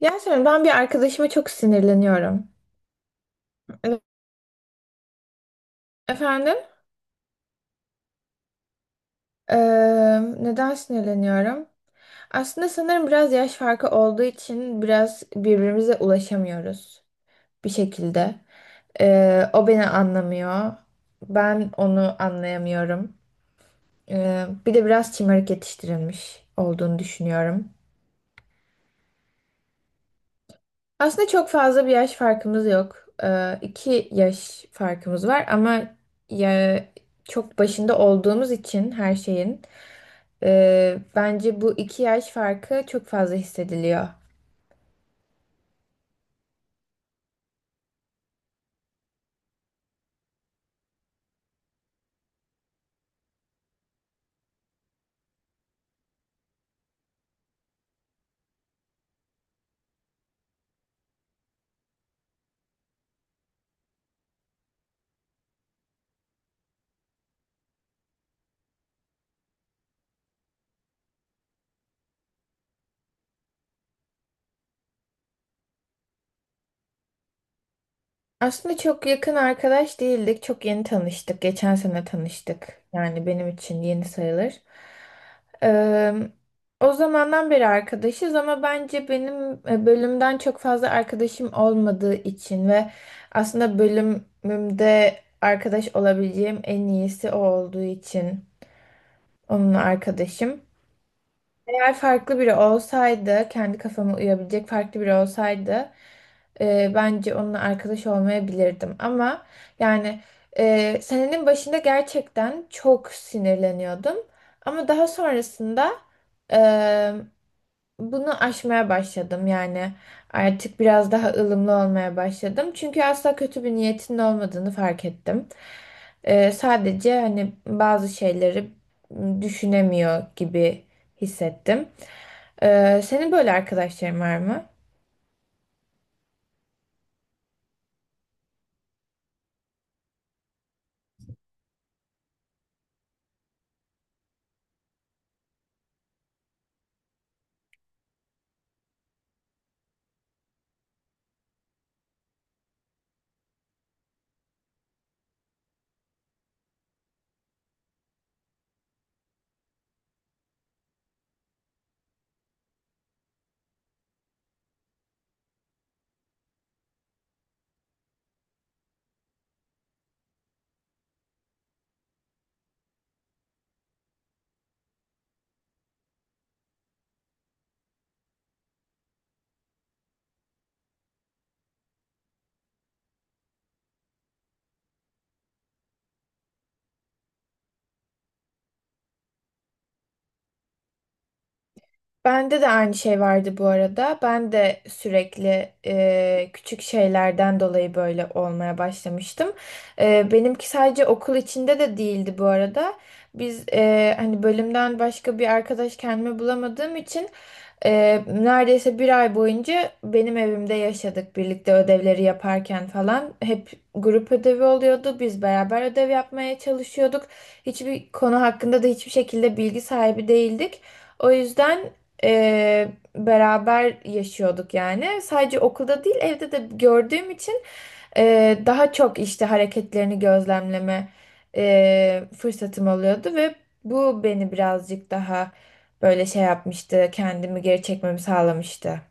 Yasemin ben bir arkadaşıma çok sinirleniyorum. E- Efendim? Ee, Neden sinirleniyorum? Aslında sanırım biraz yaş farkı olduğu için biraz birbirimize ulaşamıyoruz bir şekilde. O beni anlamıyor. Ben onu anlayamıyorum. Bir de biraz şımarık yetiştirilmiş olduğunu düşünüyorum. Aslında çok fazla bir yaş farkımız yok. İki yaş farkımız var ama ya, çok başında olduğumuz için her şeyin. Bence bu iki yaş farkı çok fazla hissediliyor. Aslında çok yakın arkadaş değildik. Çok yeni tanıştık. Geçen sene tanıştık. Yani benim için yeni sayılır. Ee, O zamandan beri arkadaşız ama bence benim bölümden çok fazla arkadaşım olmadığı için ve aslında bölümümde arkadaş olabileceğim en iyisi o olduğu için onunla arkadaşım. Eğer farklı biri olsaydı, kendi kafama uyabilecek farklı biri olsaydı, bence onunla arkadaş olmayabilirdim. Ama yani senenin başında gerçekten çok sinirleniyordum. Ama daha sonrasında e, bunu aşmaya başladım, yani artık biraz daha ılımlı olmaya başladım. Çünkü asla kötü bir niyetin olmadığını fark ettim. Sadece hani bazı şeyleri düşünemiyor gibi hissettim. Senin böyle arkadaşların var mı? Bende de aynı şey vardı bu arada. Ben de sürekli küçük şeylerden dolayı böyle olmaya başlamıştım. Benimki sadece okul içinde de değildi bu arada. Biz hani bölümden başka bir arkadaş kendime bulamadığım için neredeyse bir ay boyunca benim evimde yaşadık, birlikte ödevleri yaparken falan. Hep grup ödevi oluyordu. Biz beraber ödev yapmaya çalışıyorduk. Hiçbir konu hakkında da hiçbir şekilde bilgi sahibi değildik. O yüzden e, beraber yaşıyorduk yani. Sadece okulda değil evde de gördüğüm için daha çok işte hareketlerini gözlemleme fırsatım oluyordu ve bu beni birazcık daha böyle şey yapmıştı, kendimi geri çekmemi sağlamıştı.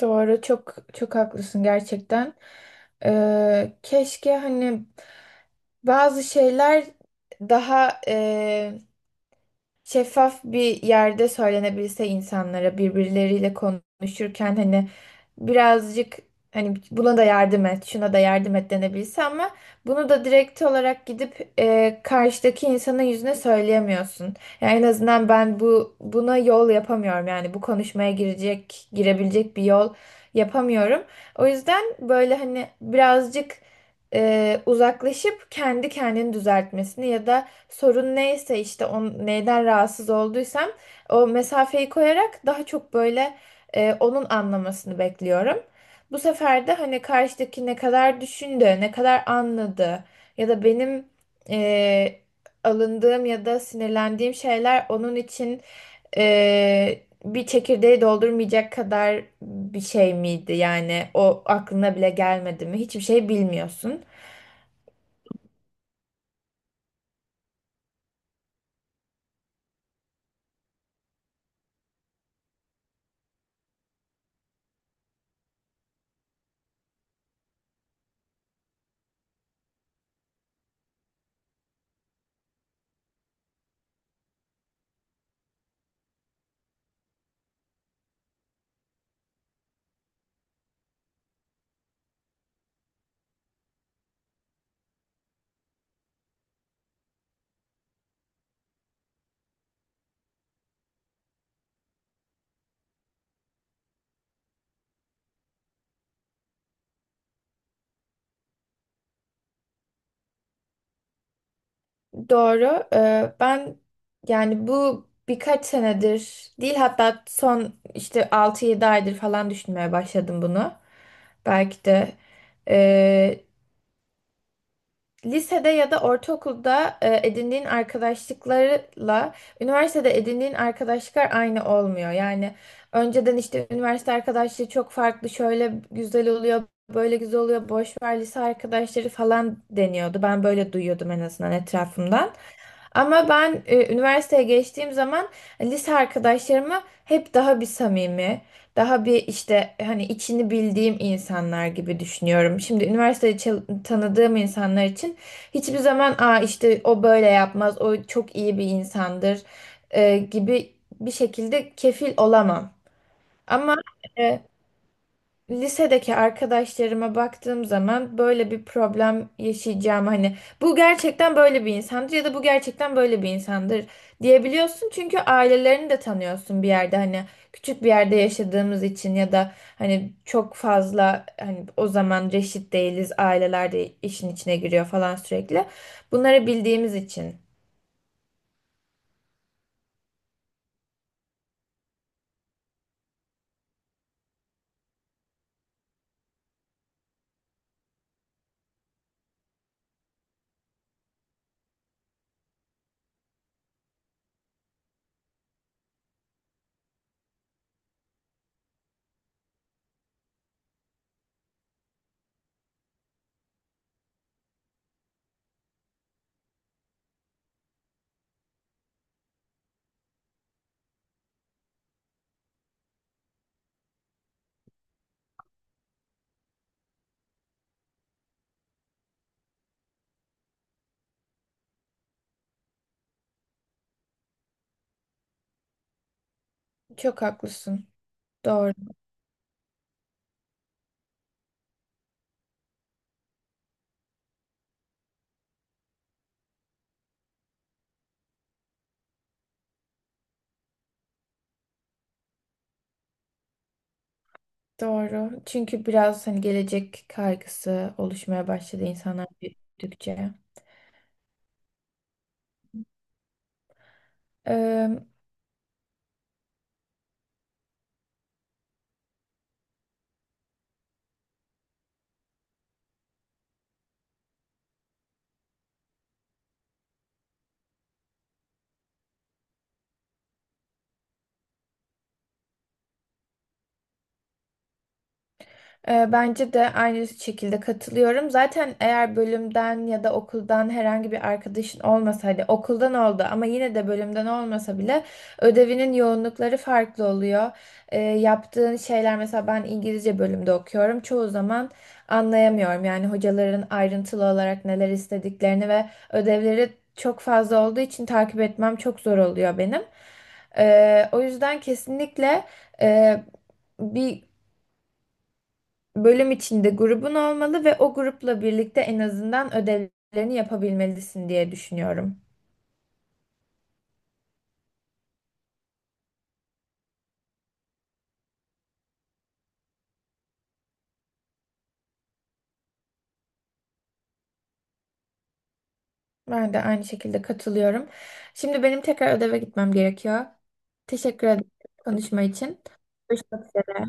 Doğru, çok çok haklısın gerçekten. Keşke hani bazı şeyler daha şeffaf bir yerde söylenebilse, insanlara birbirleriyle konuşurken hani birazcık hani buna da yardım et, şuna da yardım et denebilse, ama bunu da direkt olarak gidip karşıdaki insanın yüzüne söyleyemiyorsun. Yani en azından ben buna yol yapamıyorum. Yani bu konuşmaya girecek, girebilecek bir yol yapamıyorum. O yüzden böyle hani birazcık uzaklaşıp kendi kendini düzeltmesini ya da sorun neyse, işte neyden rahatsız olduysam o mesafeyi koyarak daha çok böyle onun anlamasını bekliyorum. Bu sefer de hani karşıdaki ne kadar düşündü, ne kadar anladı ya da benim e, alındığım ya da sinirlendiğim şeyler onun için e, bir çekirdeği doldurmayacak kadar bir şey miydi? Yani o aklına bile gelmedi mi? Hiçbir şey bilmiyorsun. Doğru. Ben yani bu birkaç senedir değil, hatta son işte altı yedi aydır falan düşünmeye başladım bunu. Belki de e, lisede ya da ortaokulda edindiğin arkadaşlıklarla üniversitede edindiğin arkadaşlıklar aynı olmuyor. Yani önceden işte üniversite arkadaşlığı çok farklı, şöyle güzel oluyor, böyle güzel oluyor, boş ver lise arkadaşları falan deniyordu. Ben böyle duyuyordum en azından etrafımdan. Ama ben üniversiteye geçtiğim zaman lise arkadaşlarımı hep daha bir samimi, daha bir işte hani içini bildiğim insanlar gibi düşünüyorum. Şimdi üniversitede tanıdığım insanlar için hiçbir zaman aa işte o böyle yapmaz, o çok iyi bir insandır gibi bir şekilde kefil olamam. Ama e, lisedeki arkadaşlarıma baktığım zaman böyle bir problem yaşayacağım, hani bu gerçekten böyle bir insandır ya da bu gerçekten böyle bir insandır diyebiliyorsun, çünkü ailelerini de tanıyorsun bir yerde, hani küçük bir yerde yaşadığımız için ya da hani çok fazla hani o zaman reşit değiliz, aileler de işin içine giriyor falan, sürekli bunları bildiğimiz için. Çok haklısın. Doğru. Doğru, çünkü biraz hani gelecek kaygısı oluşmaya başladı insanlar büyüdükçe. Ee, Bence de aynı şekilde katılıyorum. Zaten eğer bölümden ya da okuldan herhangi bir arkadaşın olmasa, hadi okuldan oldu ama yine de bölümden olmasa bile, ödevinin yoğunlukları farklı oluyor. Yaptığın şeyler, mesela ben İngilizce bölümde okuyorum. Çoğu zaman anlayamıyorum. Yani hocaların ayrıntılı olarak neler istediklerini ve ödevleri çok fazla olduğu için takip etmem çok zor oluyor benim. O yüzden kesinlikle e, bir bölüm içinde grubun olmalı ve o grupla birlikte en azından ödevlerini yapabilmelisin diye düşünüyorum. Ben de aynı şekilde katılıyorum. Şimdi benim tekrar ödeve gitmem gerekiyor. Teşekkür ederim konuşma için. Görüşmek üzere.